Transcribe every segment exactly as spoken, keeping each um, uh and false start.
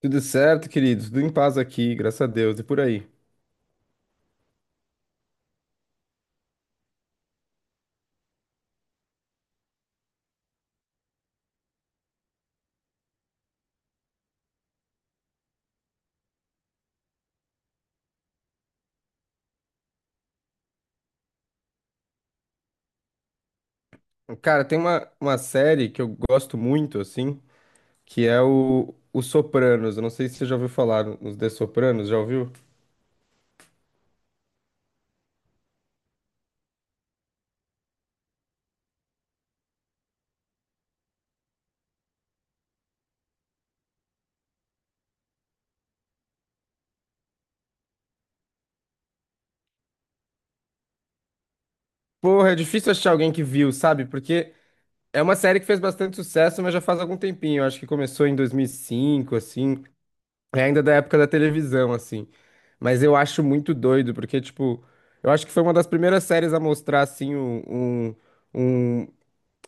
Tudo certo, querido? Tudo em paz aqui, graças a Deus, e por aí. Cara, tem uma, uma série que eu gosto muito, assim, que é o, o Sopranos. Eu não sei se você já ouviu falar nos The Sopranos, já ouviu? Porra, é difícil achar alguém que viu, sabe? Porque é uma série que fez bastante sucesso, mas já faz algum tempinho. Eu acho que começou em dois mil e cinco, assim, é ainda da época da televisão, assim. Mas eu acho muito doido, porque, tipo, eu acho que foi uma das primeiras séries a mostrar, assim, um, um- um-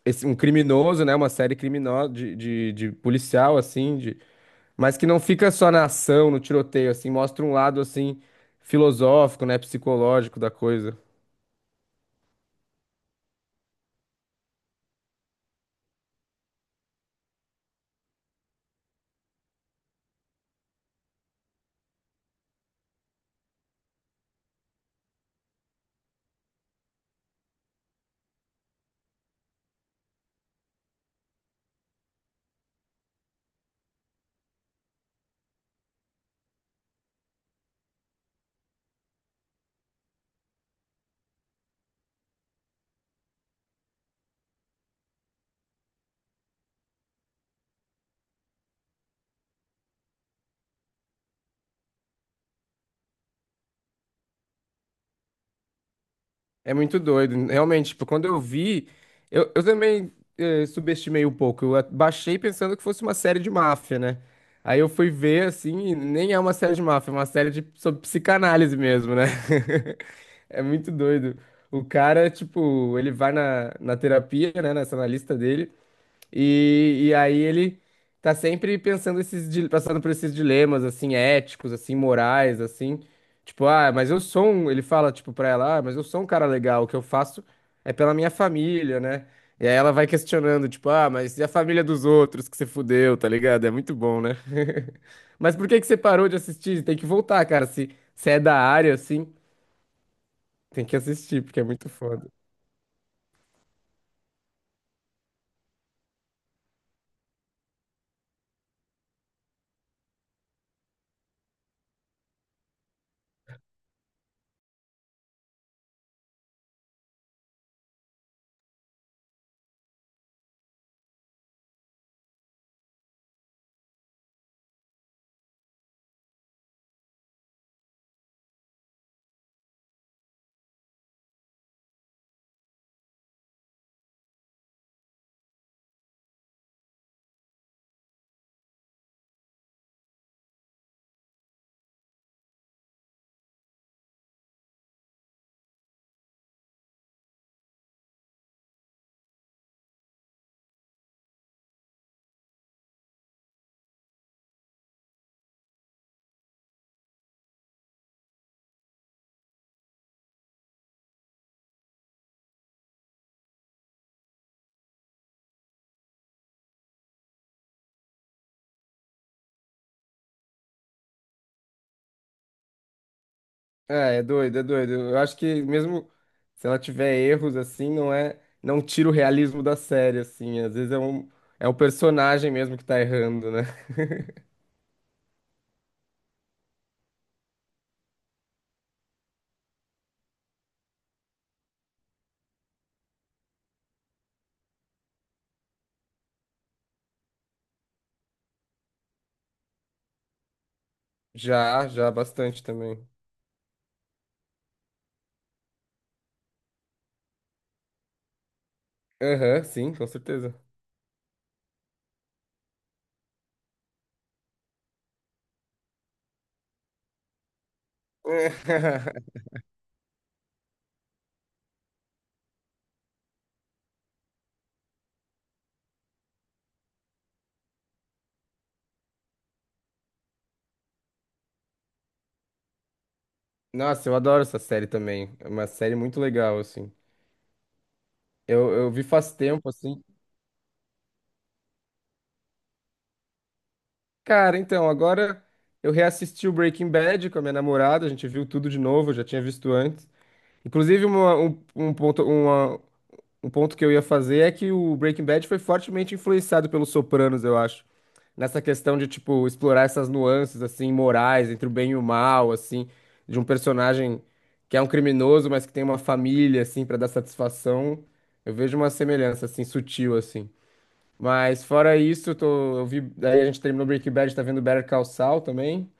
esse- um criminoso, né? Uma série criminosa de, de, de policial, assim, de, mas que não fica só na ação, no tiroteio, assim, mostra um lado assim filosófico, né? Psicológico da coisa. É muito doido. Realmente, tipo, quando eu vi, eu, eu também eh, subestimei um pouco. Eu a- baixei pensando que fosse uma série de máfia, né? Aí eu fui ver, assim, e nem é uma série de máfia, é uma série de, sobre psicanálise mesmo, né? É muito doido. O cara, tipo, ele vai na, na terapia, né, nessa analista dele. E, e aí ele tá sempre pensando esses, di- passando por esses dilemas, assim, éticos, assim, morais, assim. Tipo, ah, mas eu sou um, ele fala, tipo, pra ela, ah, mas eu sou um cara legal, o que eu faço é pela minha família, né? E aí ela vai questionando, tipo, ah, mas e a família dos outros que você fudeu, tá ligado? É muito bom, né? Mas por que que você parou de assistir? Tem que voltar, cara, se, se é da área, assim, tem que assistir, porque é muito foda. É, é doido, é doido. Eu acho que mesmo se ela tiver erros assim, não é, não tira o realismo da série assim. Às vezes é um é o personagem mesmo que tá errando, né? Já, já bastante também. Aham, sim, com certeza. Nossa, eu adoro essa série também. É uma série muito legal assim. Eu eu vi faz tempo assim. Cara, então, agora eu reassisti o Breaking Bad com a minha namorada, a gente viu tudo de novo, eu já tinha visto antes. Inclusive, uma, um, um ponto, uma, um ponto que eu ia fazer é que o Breaking Bad foi fortemente influenciado pelos Sopranos, eu acho. Nessa questão de, tipo, explorar essas nuances, assim, morais, entre o bem e o mal, assim, de um personagem que é um criminoso, mas que tem uma família, assim, pra dar satisfação. Eu vejo uma semelhança, assim, sutil, assim. Mas fora isso, eu tô, eu vi, aí a gente terminou Breaking Bad, tá vendo Better Call Saul também.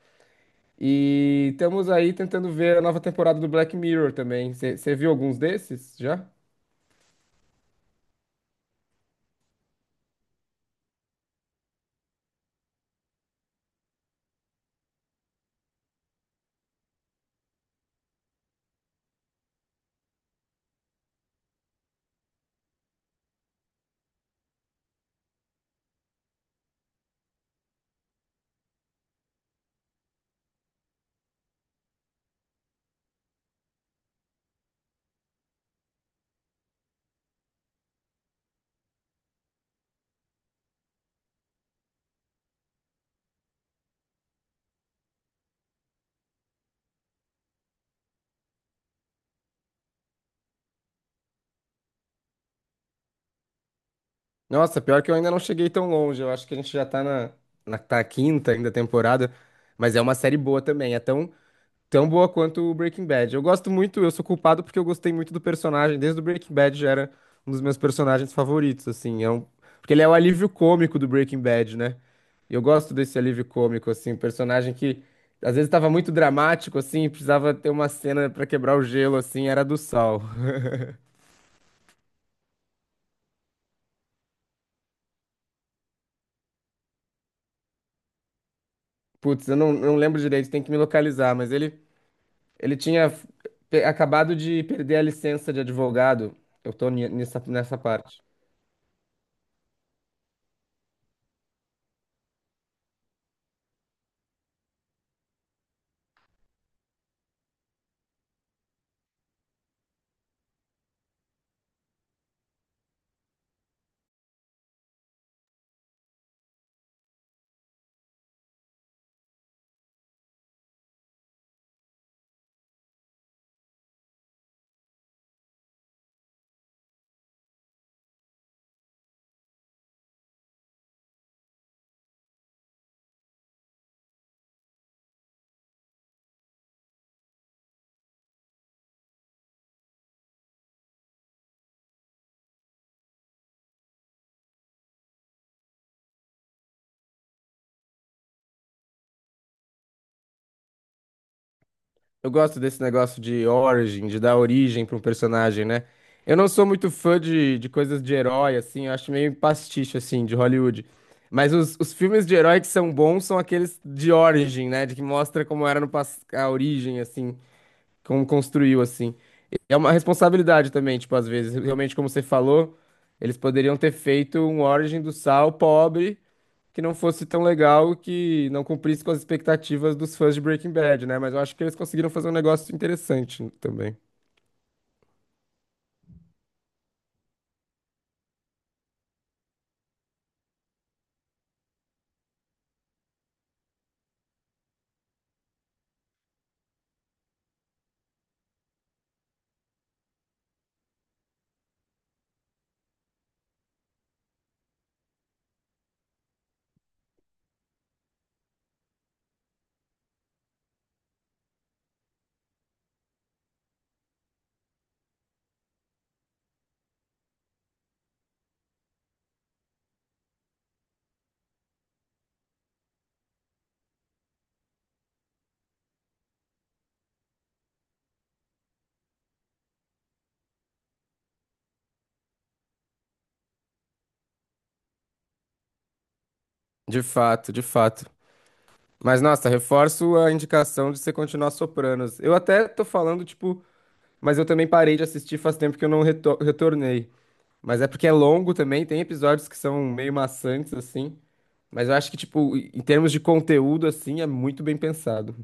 E estamos aí tentando ver a nova temporada do Black Mirror também. Você viu alguns desses já? Nossa, pior que eu ainda não cheguei tão longe. Eu acho que a gente já tá na, na tá na quinta ainda temporada, mas é uma série boa também. É tão, tão boa quanto o Breaking Bad. Eu gosto muito, eu sou culpado porque eu gostei muito do personagem. Desde o Breaking Bad já era um dos meus personagens favoritos, assim. É um, porque ele é o alívio cômico do Breaking Bad, né? E eu gosto desse alívio cômico, assim, um personagem que às vezes estava muito dramático, assim, precisava ter uma cena pra quebrar o gelo, assim, era a do Saul. Putz, eu não, não lembro direito, tem que me localizar, mas ele. Ele tinha pe- acabado de perder a licença de advogado. Eu tô ni- nessa, nessa parte. Eu gosto desse negócio de origin, de dar origem para um personagem, né? Eu não sou muito fã de, de coisas de herói, assim, eu acho meio pastiche, assim, de Hollywood. Mas os, os filmes de herói que são bons são aqueles de origin, né? De que mostra como era no pas- a origem, assim, como construiu, assim. É uma responsabilidade também, tipo, às vezes, realmente, como você falou, eles poderiam ter feito um origin do Saul pobre que não fosse tão legal, que não cumprisse com as expectativas dos fãs de Breaking Bad, né? Mas eu acho que eles conseguiram fazer um negócio interessante também. De fato, de fato. Mas nossa, reforço a indicação de você continuar Sopranos. Eu até tô falando, tipo, mas eu também parei de assistir faz tempo que eu não reto- retornei. Mas é porque é longo também, tem episódios que são meio maçantes, assim. Mas eu acho que, tipo, em termos de conteúdo, assim, é muito bem pensado.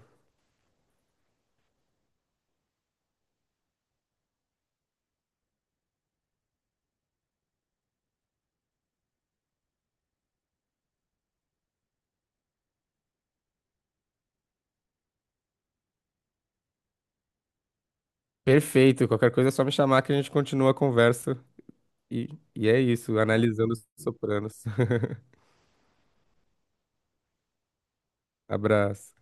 Perfeito, qualquer coisa é só me chamar que a gente continua a conversa. E, e é isso, analisando os Sopranos. Abraço.